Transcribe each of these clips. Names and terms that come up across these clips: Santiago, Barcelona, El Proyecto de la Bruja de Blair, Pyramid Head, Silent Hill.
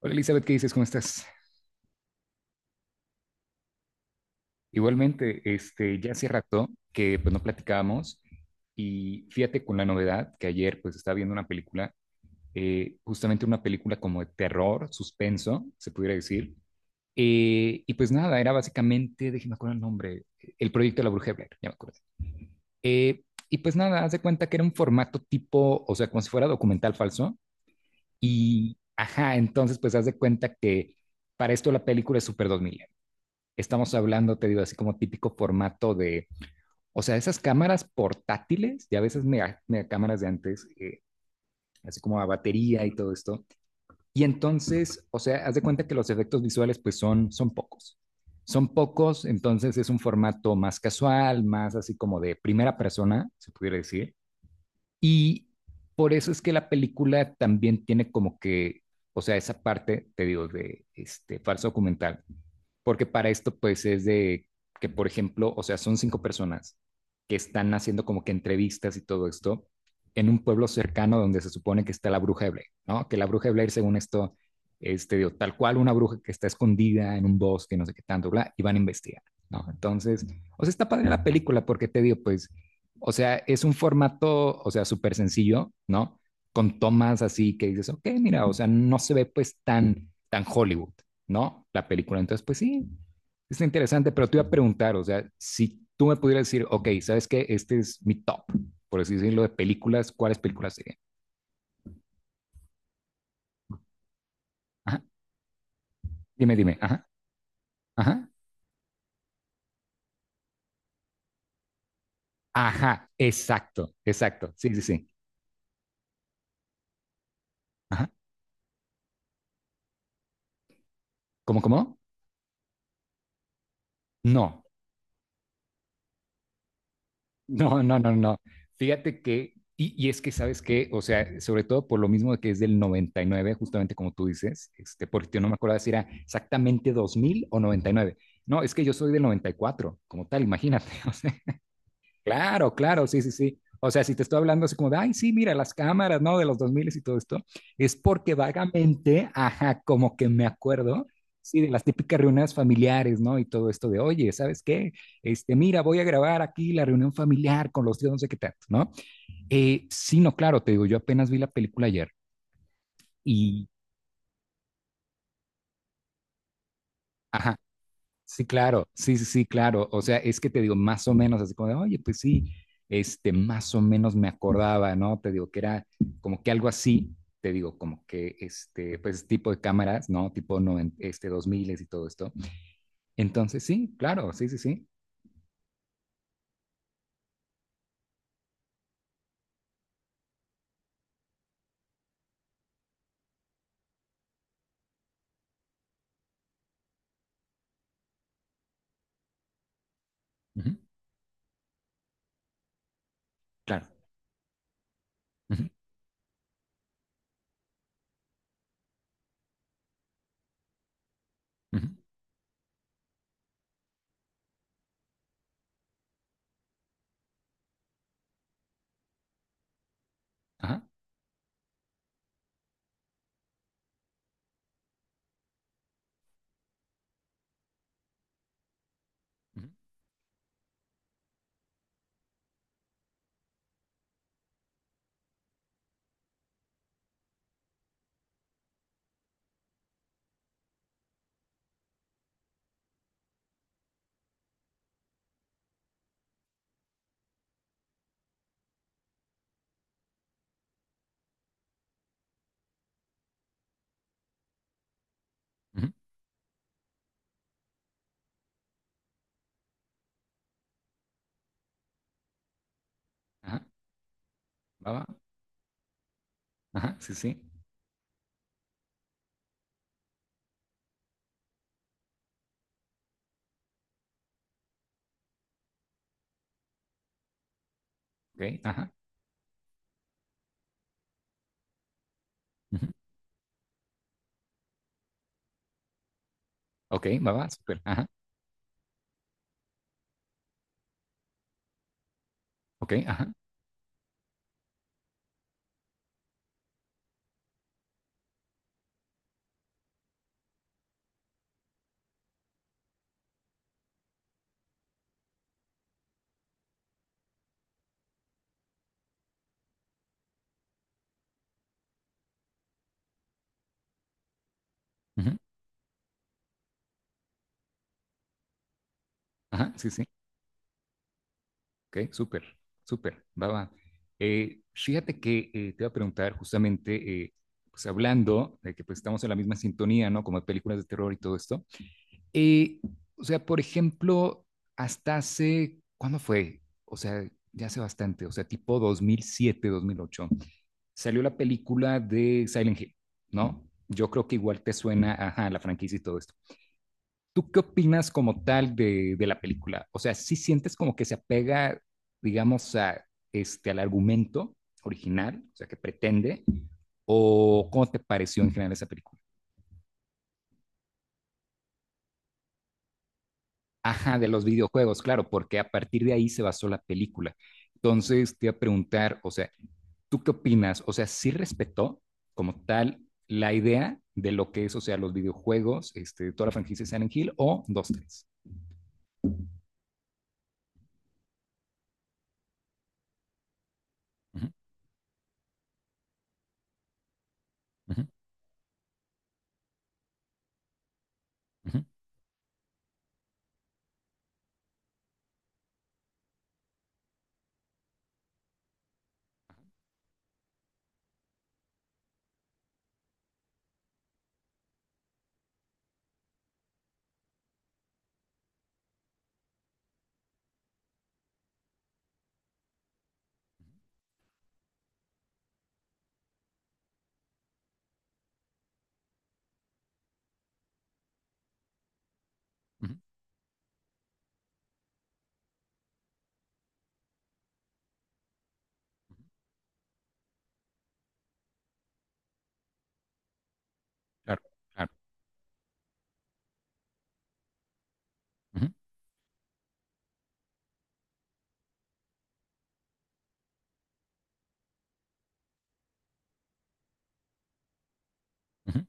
Hola Elizabeth, ¿qué dices? ¿Cómo estás? Igualmente, ya hace rato que pues no platicábamos y fíjate con la novedad que ayer pues estaba viendo una película, justamente una película como de terror, suspenso, se pudiera decir, y pues nada, era básicamente, déjeme acordar el nombre, El Proyecto de la Bruja de Blair, ya me acuerdo. Eh, y pues nada, haz de cuenta que era un formato tipo, o sea, como si fuera documental falso y, ajá, entonces pues haz de cuenta que para esto la película es súper 2000, estamos hablando, te digo, así como típico formato de, o sea, esas cámaras portátiles, y a veces mega, mega cámaras de antes, así como a batería y todo esto. Y entonces, o sea, haz de cuenta que los efectos visuales pues son pocos. Son pocos, entonces es un formato más casual, más así como de primera persona, se pudiera decir. Y por eso es que la película también tiene como que, o sea, esa parte, te digo, de este falso documental, porque para esto pues es de que, por ejemplo, o sea, son cinco personas que están haciendo como que entrevistas y todo esto en un pueblo cercano donde se supone que está la bruja de Blair, ¿no? Que la bruja de Blair, según esto, digo, tal cual una bruja que está escondida en un bosque, no sé qué tanto, bla, y van a investigar, ¿no? Entonces, o sea, está padre la película porque te digo, pues, o sea, es un formato, o sea, súper sencillo, ¿no? Con tomas así que dices, ok, mira, o sea, no se ve pues tan, tan Hollywood, ¿no? La película. Entonces, pues sí, es interesante, pero te iba a preguntar, o sea, si tú me pudieras decir, ok, ¿sabes qué? Este es mi top, por así decirlo, de películas, ¿cuáles películas serían? Ajá, dime, dime, ajá, ajá, ajá, exacto, exacto, sí, sí, sí, ajá, ¿cómo, cómo? No, no, no, no, no. Fíjate que, y es que sabes que, o sea, sobre todo por lo mismo de que es del 99, justamente como tú dices, porque yo no me acordaba si era exactamente 2000 o 99. No, es que yo soy del 94 como tal, imagínate. O sea, claro, claro, sí, sí, sí. O sea, si te estoy hablando así como de, ay, sí, mira, las cámaras, ¿no? De los 2000 y todo esto, es porque vagamente, ajá, como que me acuerdo, sí, de las típicas reuniones familiares, ¿no? Y todo esto de, oye, ¿sabes qué? Mira, voy a grabar aquí la reunión familiar con los tíos, no sé qué tanto, ¿no? Sí, no, claro, te digo, yo apenas vi la película ayer y, ajá, sí, claro, sí, sí, sí, claro. O sea, es que te digo, más o menos, así como de, oye, pues sí, más o menos me acordaba, ¿no? Te digo que era como que algo así, te digo, como que pues tipo de cámaras, ¿no? Tipo 2000 y todo esto. Entonces, sí, claro, sí, sí, sí. Ujú, claro. Ujú, ujú, ajá, ujú, ujú, ajá, va, va, ajá, sí, sí, ok, ajá, ujú, ok, va, va, súper, ajá, ok, ajá, ujú, ajá, sí, sí. Ok, súper, súper, va, va. Fíjate que te iba a preguntar justamente, pues hablando de que pues estamos en la misma sintonía, ¿no? Como de películas de terror y todo esto. Eh, o sea, por ejemplo, hasta hace, ¿cuándo fue? O sea, ya hace bastante, o sea, tipo dos mil siete, dos mil ocho, salió la película de Silent Hill, ¿no? Yo creo que igual te suena, ajá, la franquicia y todo esto. ¿Tú qué opinas como tal de, la película? O sea, ¿sí sientes como que se apega, digamos, al argumento original, o sea, que pretende? ¿O cómo te pareció en general esa película? Ajá, de los videojuegos, claro, porque a partir de ahí se basó la película. Entonces, te iba a preguntar, o sea, ¿tú qué opinas? O sea, ¿sí respetó como tal la idea de lo que es, o sea, los videojuegos, toda la franquicia de Silent Hill o dos tres. Ujú, ujú, ujú, ujú. Claro, claro. Ujú. Ujú.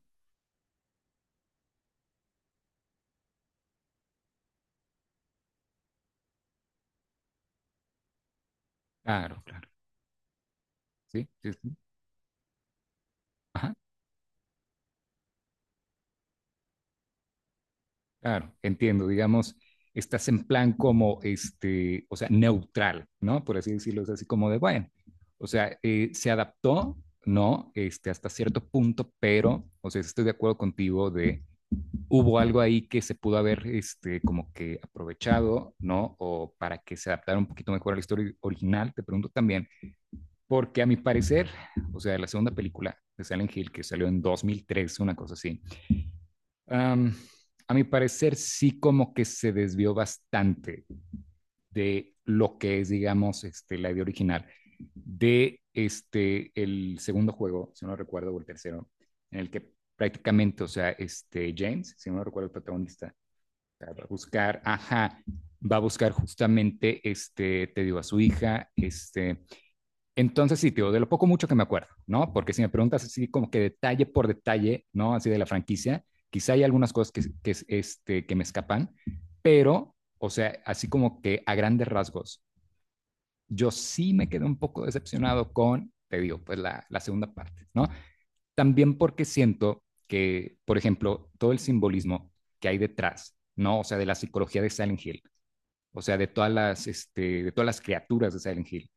Claro, claro. Sí, sí, sí. Ajá, claro, entiendo. Digamos, estás en plan como, o sea, neutral, ¿no? Por así decirlo, es así como de, bueno, o sea, se adaptó, ¿no? Hasta cierto punto, pero, o sea, estoy de acuerdo contigo de, hubo algo ahí que se pudo haber, como que aprovechado, ¿no? O para que se adaptara un poquito mejor a la historia original, te pregunto también, porque a mi parecer, o sea, la segunda película de Silent Hill, que salió en 2003, una cosa así. Um, a mi parecer, sí como que se desvió bastante de lo que es, digamos, la idea original de este, el segundo juego, si no recuerdo, o el tercero, en el que prácticamente, o sea, James, si no recuerdo, el protagonista, va a buscar, ajá, va a buscar justamente, te digo, a su hija, entonces, sí, tío, de lo poco mucho que me acuerdo, ¿no? Porque si me preguntas así como que detalle por detalle, ¿no? Así de la franquicia, quizá hay algunas cosas que, que me escapan, pero, o sea, así como que a grandes rasgos, yo sí me quedé un poco decepcionado con, te digo, pues la, segunda parte, ¿no? También porque siento que, por ejemplo, todo el simbolismo que hay detrás, ¿no? O sea, de la psicología de Silent Hill, o sea, de todas de todas las criaturas de Silent Hill,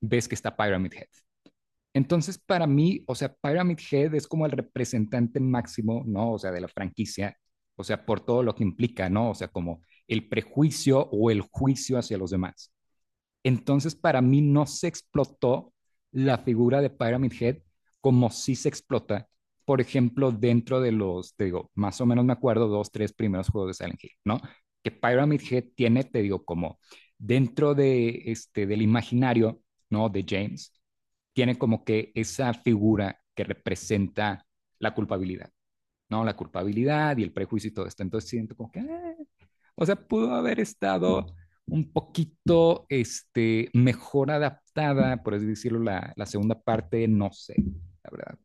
ves que está Pyramid Head, entonces, para mí, o sea, Pyramid Head es como el representante máximo, ¿no? O sea, de la franquicia, o sea, por todo lo que implica, ¿no? O sea, como el prejuicio o el juicio hacia los demás. Entonces, para mí no se explotó la figura de Pyramid Head como sí se explota, por ejemplo, dentro de los, te digo, más o menos me acuerdo, dos, tres primeros juegos de Silent Hill, ¿no? Que Pyramid Head tiene, te digo, como dentro de del imaginario, ¿no? De James, tiene como que esa figura que representa la culpabilidad, ¿no? La culpabilidad y el prejuicio y todo esto. Entonces siento como que, ah, o sea, pudo haber estado un poquito mejor adaptada, por así decirlo, la, segunda parte, no sé, la verdad.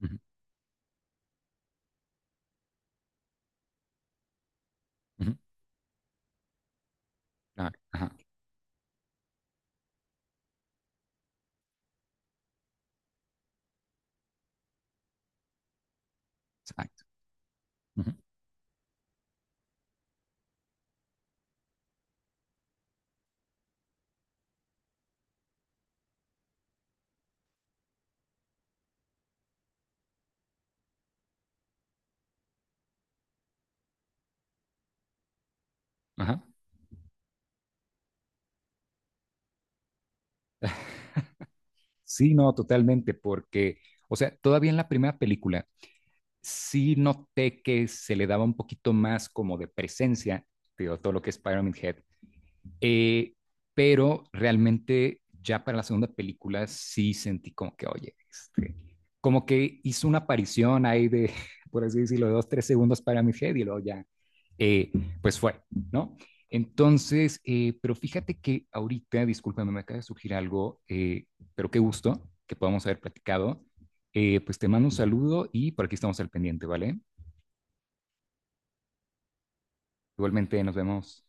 Ujú, ujú, claro. Ajá, exacto. Ujú, ajá. Sí, no, totalmente, porque, o sea, todavía en la primera película sí noté que se le daba un poquito más como de presencia, digo, todo lo que es Pyramid Head. Eh, pero realmente ya para la segunda película sí sentí como que, oye, como que hizo una aparición ahí de, por así decirlo, de dos, tres segundos para mi head y luego ya, eh, pues fue, ¿no? Entonces, pero fíjate que ahorita, discúlpame, me acaba de surgir algo, pero qué gusto que podamos haber platicado. Pues te mando un saludo y por aquí estamos al pendiente, ¿vale? Igualmente nos vemos.